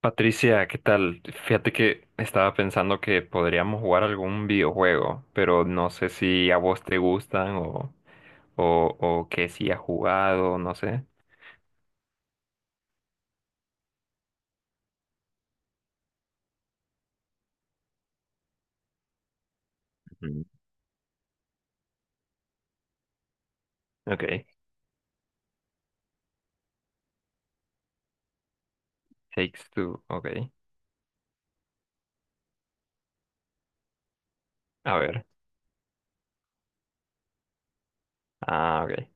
Patricia, ¿qué tal? Fíjate que estaba pensando que podríamos jugar algún videojuego, pero no sé si a vos te gustan o, o que si has jugado, no sé. Ujú. Ok, Takes Two, ok. A ver, ah, ok.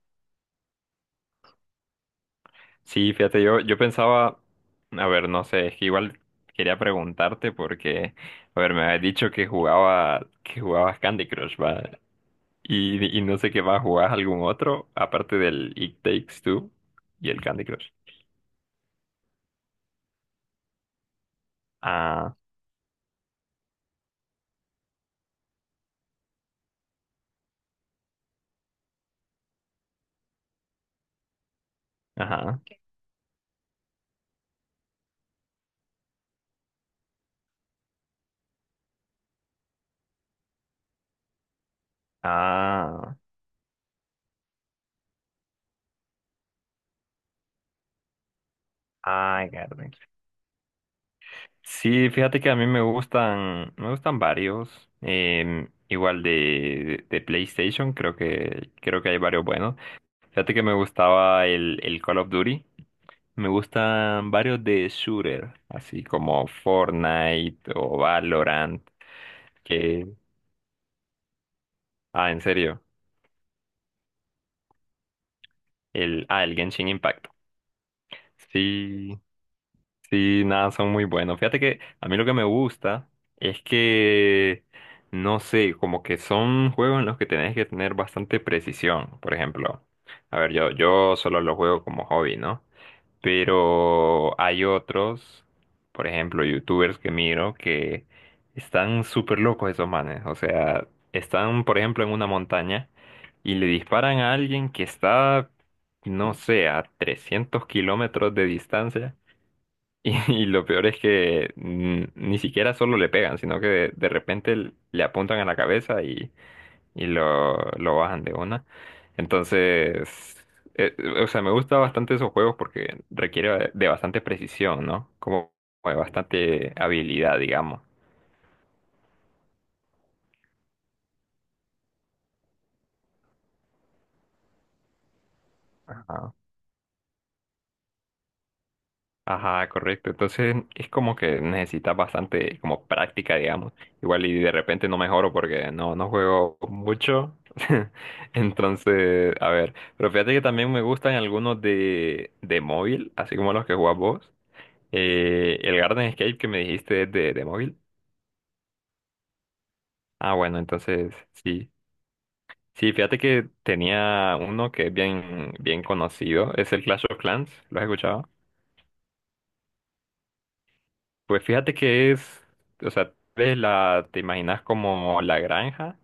Sí, fíjate, yo pensaba, a ver, no sé, es que igual quería preguntarte porque, a ver, me habías dicho que jugabas Candy Crush, ¿va? Y no sé qué más, ¿jugabas algún otro aparte del It Takes Two y el Candy Crush? Ah, ajá. Ah, ay, Garden. Sí, fíjate que a mí me gustan varios. Igual de, PlayStation, creo que hay varios buenos. Fíjate que me gustaba el Call of Duty. Me gustan varios de shooter, así como Fortnite o Valorant. Que, ah, en serio. El Genshin Impact. Sí. Sí, nada, son muy buenos. Fíjate que a mí lo que me gusta es que, no sé, como que son juegos en los que tenés que tener bastante precisión. Por ejemplo, a ver, yo solo los juego como hobby, ¿no? Pero hay otros, por ejemplo, youtubers que miro que están súper locos esos manes. O sea, están, por ejemplo, en una montaña y le disparan a alguien que está, no sé, a 300 kilómetros de distancia. Y lo peor es que ni siquiera solo le pegan, sino que de, repente le apuntan a la cabeza y, lo bajan de una. Entonces, eh, o sea, me gusta bastante esos juegos porque requiere de bastante precisión, ¿no? Como de bastante habilidad, digamos. Ajá. Ajá, correcto. Entonces es como que necesitas bastante como práctica, digamos. Igual y de repente no mejoro porque no juego mucho. Entonces, a ver. Pero fíjate que también me gustan algunos de, móvil, así como los que jugás vos. El Garden Escape que me dijiste es de móvil. Ah, bueno, entonces sí. Sí, fíjate que tenía uno que es bien, bien conocido. Es el Clash of Clans. ¿Lo has escuchado? Pues fíjate que es, o sea, ves la, te imaginas como la granja,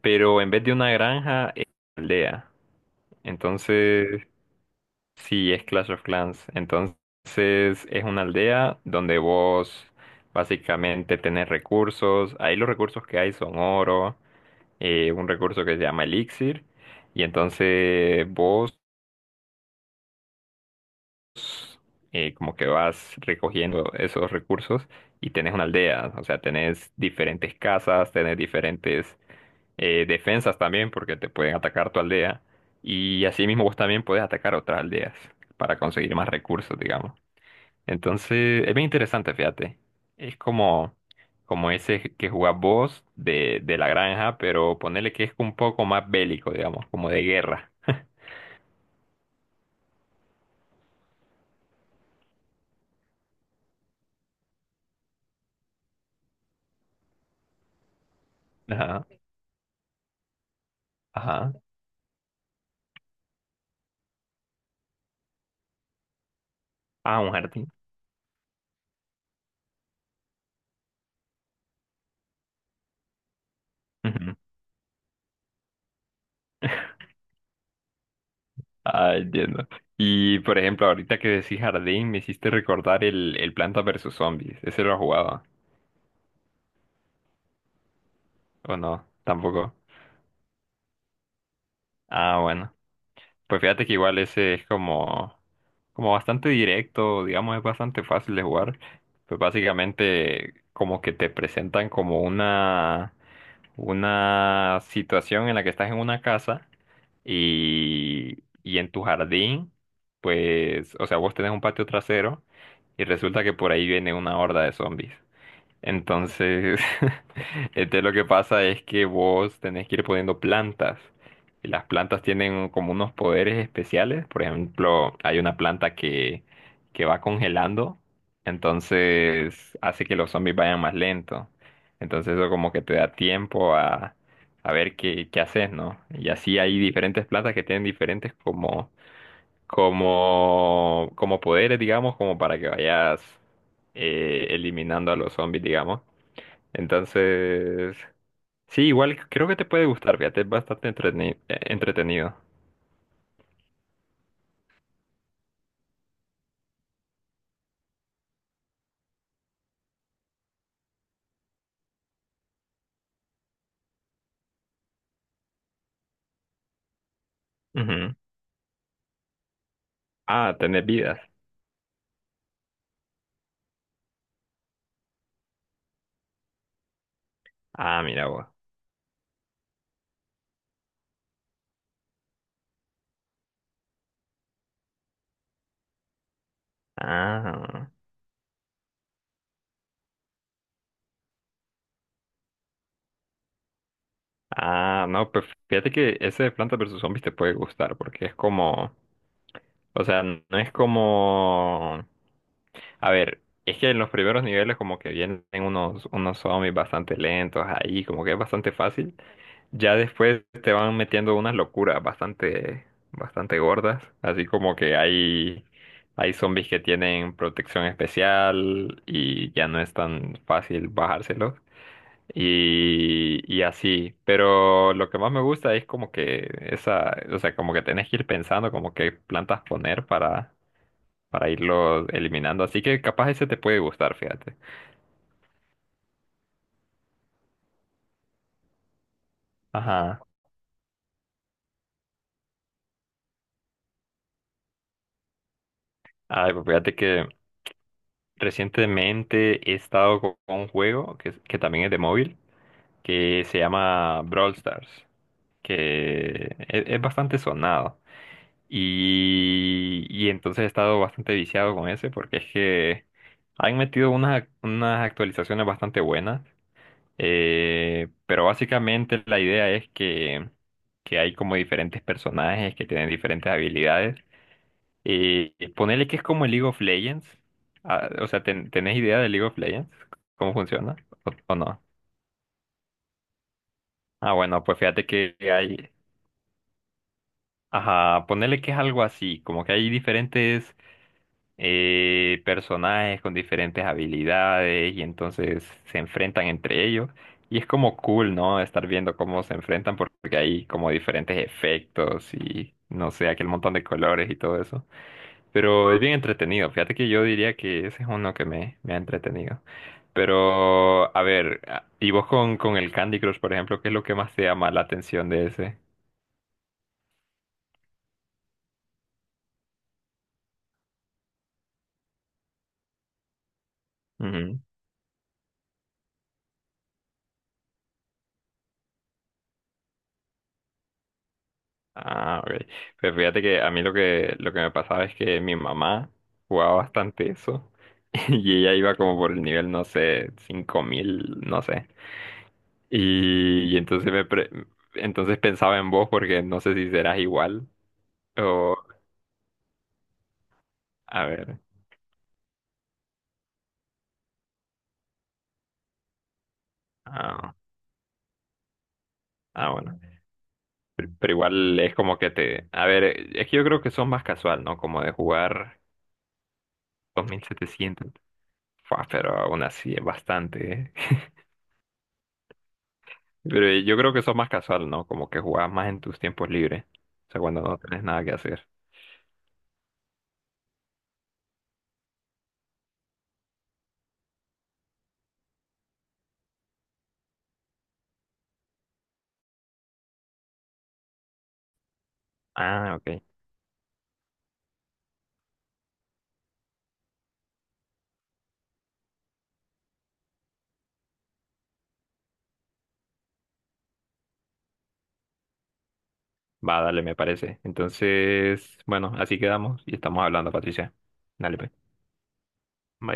pero en vez de una granja es una aldea. Entonces, sí, es Clash of Clans. Entonces, es una aldea donde vos básicamente tenés recursos. Ahí los recursos que hay son oro, un recurso que se llama elixir. Y entonces vos como que vas recogiendo esos recursos y tenés una aldea, o sea, tenés diferentes casas, tenés diferentes defensas también, porque te pueden atacar tu aldea, y así mismo vos también podés atacar otras aldeas para conseguir más recursos, digamos. Entonces, es bien interesante, fíjate. Es como ese que jugás vos de, la granja, pero ponele que es un poco más bélico, digamos, como de guerra. Ajá, ajá. Ah, un jardín. Ujú. Ah, entiendo. Y por ejemplo, ahorita que decís jardín, me hiciste recordar el Planta versus Zombies. Ese lo jugaba. ¿O no? Tampoco. Ah, bueno. Pues fíjate que igual ese es como bastante directo, digamos, es bastante fácil de jugar. Pues básicamente como que te presentan como una situación en la que estás en una casa y en tu jardín, pues, o sea, vos tenés un patio trasero y resulta que por ahí viene una horda de zombies. Entonces, este, lo que pasa es que vos tenés que ir poniendo plantas. Y las plantas tienen como unos poderes especiales. Por ejemplo, hay una planta que va congelando. Entonces, hace que los zombies vayan más lento. Entonces, eso como que te da tiempo a ver qué haces, ¿no? Y así hay diferentes plantas que tienen diferentes como poderes, digamos, como para que vayas eliminando a los zombies, digamos. Entonces, sí, igual creo que te puede gustar, fíjate, es bastante entretenido. Ujú. Ah, tener vidas. Ah, mira vos. Ah, ah, no, pues fíjate que ese de Planta versus Zombies te puede gustar, porque es como, o sea, no es como... A ver, es que en los primeros niveles como que vienen unos zombies bastante lentos ahí, como que es bastante fácil. Ya después te van metiendo unas locuras bastante, bastante gordas, así como que hay zombies que tienen protección especial y ya no es tan fácil bajárselos y, así. Pero lo que más me gusta es como que esa, o sea, como que tenés que ir pensando como qué plantas poner para irlos eliminando, así que capaz ese te puede gustar, fíjate. Ajá. Ay, pues fíjate que recientemente he estado con un juego que también es de móvil, que se llama Brawl Stars, que es bastante sonado. Y entonces he estado bastante viciado con ese porque es que han metido unas actualizaciones bastante buenas. Pero básicamente la idea es que hay como diferentes personajes que tienen diferentes habilidades y ponerle que es como el League of Legends. Ah, o sea, ¿tenés idea de League of Legends? ¿Cómo funciona? ¿O no? Ah, bueno, pues fíjate que hay... Ajá, ponerle que es algo así, como que hay diferentes personajes con diferentes habilidades y entonces se enfrentan entre ellos. Y es como cool, ¿no? Estar viendo cómo se enfrentan porque hay como diferentes efectos y no sé, aquel montón de colores y todo eso. Pero es bien entretenido. Fíjate que yo diría que ese es uno que me ha entretenido. Pero, a ver, ¿y vos con, el Candy Crush, por ejemplo, qué es lo que más te llama la atención de ese? Ujú. Ah, ok. Pues fíjate que a mí lo que me pasaba es que mi mamá jugaba bastante eso. Y ella iba como por el nivel, no sé, 5.000 no sé. Y entonces entonces pensaba en vos porque no sé si serás igual o... A ver. Ah, ah, bueno. Pero igual es como que te... A ver, es que yo creo que son más casual, ¿no? Como de jugar 2.700. Fua, pero aún así es bastante, ¿eh? Pero yo creo que son más casual, ¿no? Como que jugás más en tus tiempos libres. O sea, cuando no tenés nada que hacer. Ah, ok. Va, dale, me parece. Entonces, bueno, así quedamos y estamos hablando, Patricia. Dale, pues. Bye.